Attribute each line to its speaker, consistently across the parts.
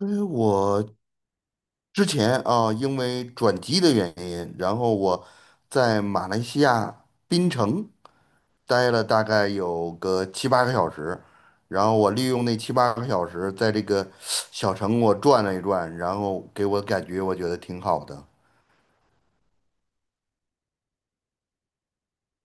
Speaker 1: 因为我之前啊，因为转机的原因，然后我在马来西亚槟城待了大概有个七八个小时，然后我利用那七八个小时，在这个小城我转了一转，然后给我感觉我觉得挺好的。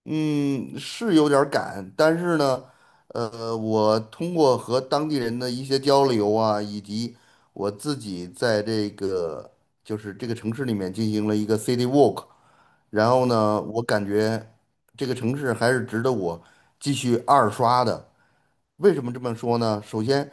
Speaker 1: 嗯，是有点儿赶，但是呢，我通过和当地人的一些交流啊，以及我自己在这个这个城市里面进行了一个 city walk。然后呢，我感觉这个城市还是值得我继续二刷的。为什么这么说呢？首先，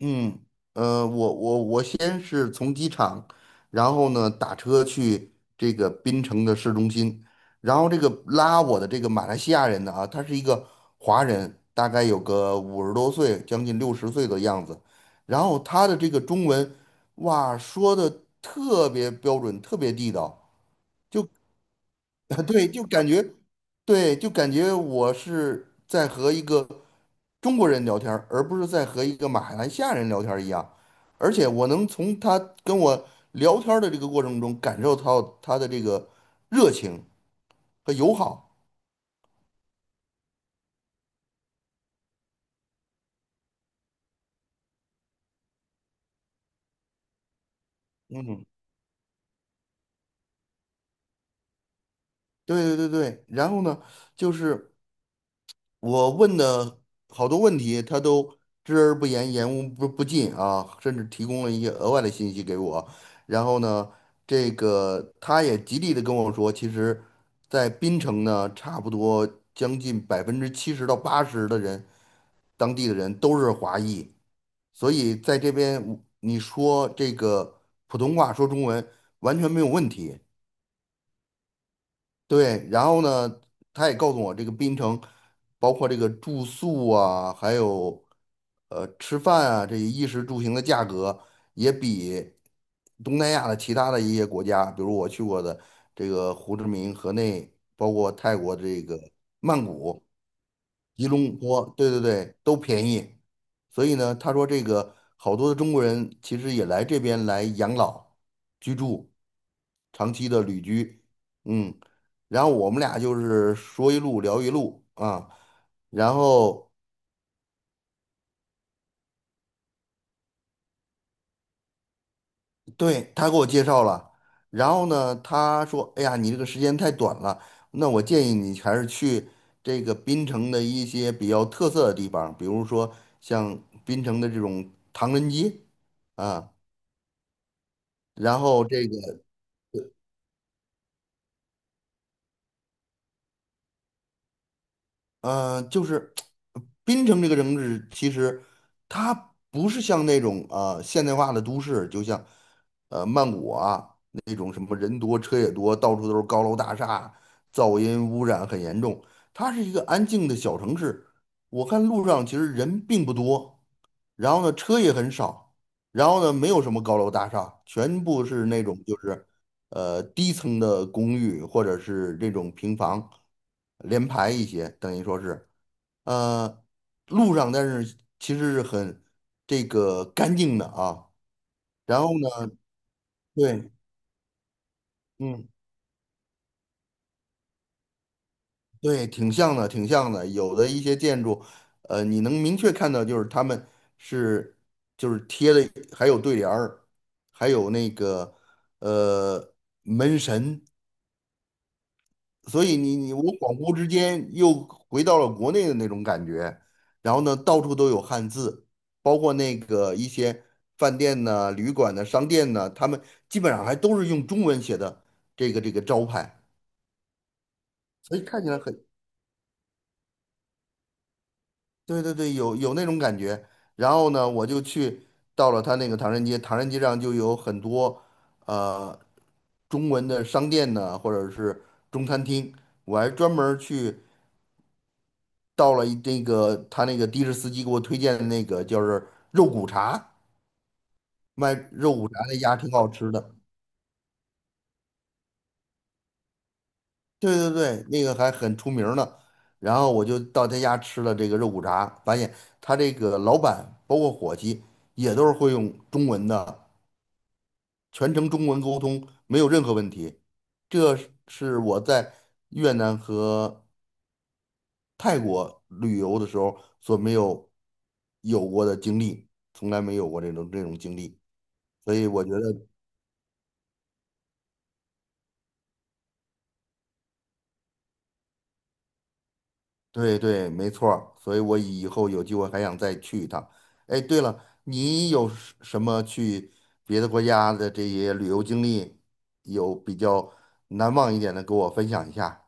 Speaker 1: 嗯，我先是从机场，然后呢打车去这个槟城的市中心，然后这个拉我的这个马来西亚人呢啊，他是一个华人，大概有个50多岁，将近60岁的样子，然后他的这个中文，哇，说的特别标准，特别地道。就。对，就感觉，对，就感觉我是在和一个中国人聊天儿而不是在和一个马来西亚人聊天儿一样。而且我能从他跟我聊天儿的这个过程中感受到他的这个热情和友好。嗯，对对对对。然后呢，就是。我问的好多问题，他都知而不言，言无不尽啊，甚至提供了一些额外的信息给我。然后呢，这个他也极力的跟我说，其实，在槟城呢，差不多将近70%到80%的人，当地的人都是华裔，所以在这边你说这个普通话说中文完全没有问题。对，然后呢，他也告诉我这个槟城，包括这个住宿啊，还有吃饭啊，这些衣食住行的价格也比东南亚的其他的一些国家，比如我去过的这个胡志明、河内，包括泰国这个曼谷、吉隆坡，对对对，都便宜。所以呢，他说这个好多的中国人其实也来这边来养老、居住、长期的旅居，嗯。然后我们俩就是说一路聊一路啊，然后对他给我介绍了，然后呢，他说：“哎呀，你这个时间太短了，那我建议你还是去这个槟城的一些比较特色的地方，比如说像槟城的这种唐人街啊，然后这个。”就是槟城这个城市，其实它不是像那种现代化的都市，就像曼谷啊那种什么人多车也多，到处都是高楼大厦，噪音污染很严重。它是一个安静的小城市，我看路上其实人并不多，然后呢车也很少，然后呢没有什么高楼大厦，全部是那种就是。低层的公寓或者是这种平房，连排一些，等于说是，呃，路上但是其实是很这个干净的啊。然后呢，对，嗯，对，挺像的，挺像的。有的一些建筑，你能明确看到就是他们是就是贴的，还有对联儿，还有那个呃门神。所以你我恍惚之间又回到了国内的那种感觉，然后呢，到处都有汉字，包括那个一些饭店呢、旅馆呢、商店呢，他们基本上还都是用中文写的这个招牌，所以看起来很，对对对，有有那种感觉。然后呢，我就去到了他那个唐人街，唐人街上就有很多呃中文的商店呢，或者是中餐厅，我还专门儿去。到了一那个他那个的士司机给我推荐的那个，就是肉骨茶，卖肉骨茶那家挺好吃的。对对对，那个还很出名儿呢。然后我就到他家吃了这个肉骨茶，发现他这个老板包括伙计也都是会用中文的，全程中文沟通，没有任何问题。这是我在越南和泰国旅游的时候所没有过的经历，从来没有过这种经历。所以我觉得对对，没错儿。所以我以后有机会还想再去一趟。哎，对了，你有什么去别的国家的这些旅游经历，有比较难忘一点的，给我分享一下？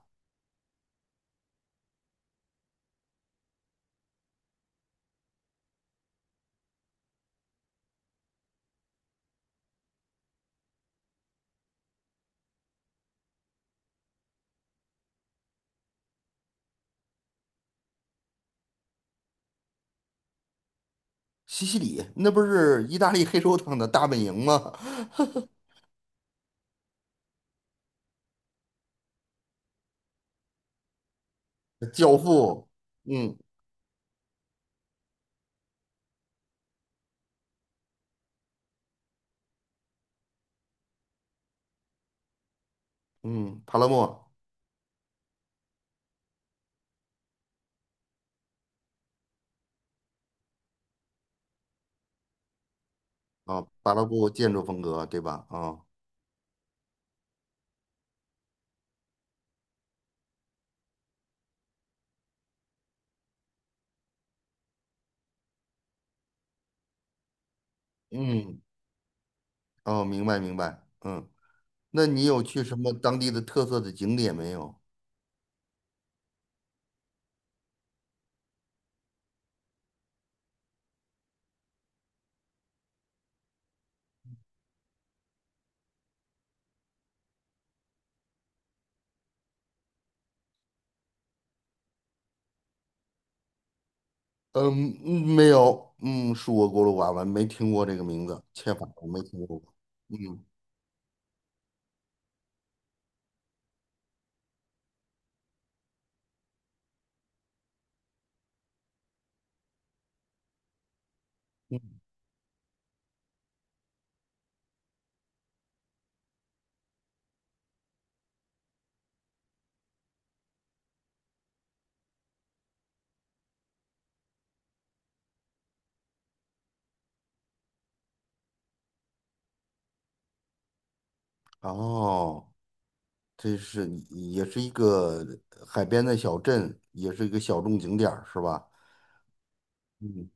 Speaker 1: 西西里那不是意大利黑手党的大本营吗？教父，嗯嗯，帕拉莫啊，巴洛布建筑风格对吧？啊，嗯，哦，明白明白，嗯，那你有去什么当地的特色的景点没有？嗯，嗯没有，嗯，恕我过路寡闻，没听过这个名字，切法我没听过。嗯，哦，这是也是一个海边的小镇，也是一个小众景点儿，是吧？嗯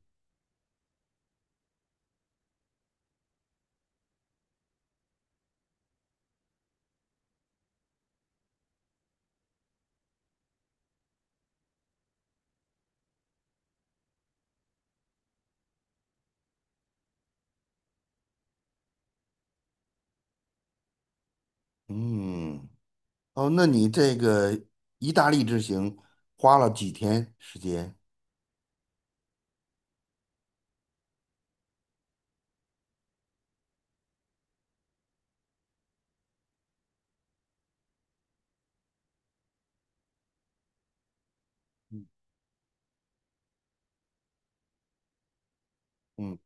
Speaker 1: 嗯，哦，那你这个意大利之行花了几天时间？嗯，嗯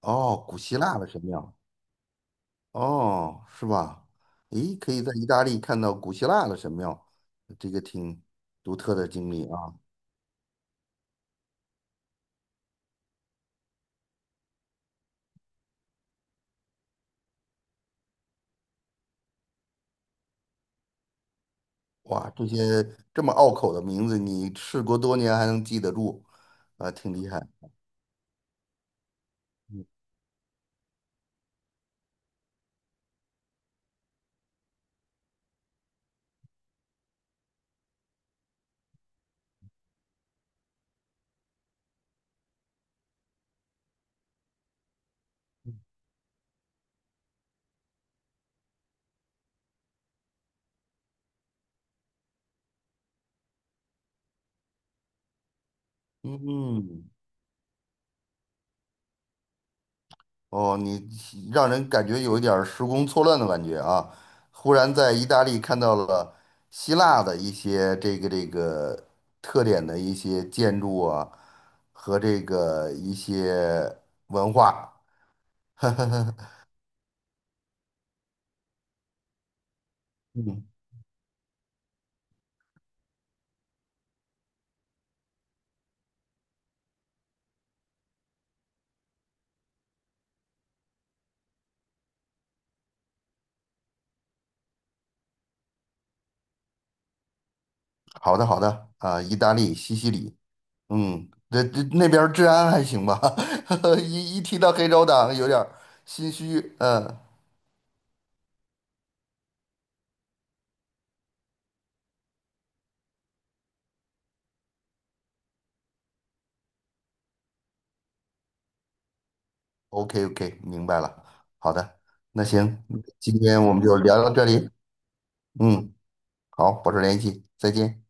Speaker 1: 哦，古希腊的神庙，哦，是吧？诶，可以在意大利看到古希腊的神庙，这个挺独特的经历啊。哇，这些这么拗口的名字，你事隔多年还能记得住，啊，挺厉害。嗯，哦，你让人感觉有一点儿时空错乱的感觉啊！忽然在意大利看到了希腊的一些这个特点的一些建筑啊，和这个一些文化。嗯，好的好的，啊，意大利西西里。嗯，这那边儿治安还行吧？一提到黑手党，有点儿心虚。嗯，OK OK，明白了。好的，那行，今天我们就聊到这里。嗯，好，保持联系，再见。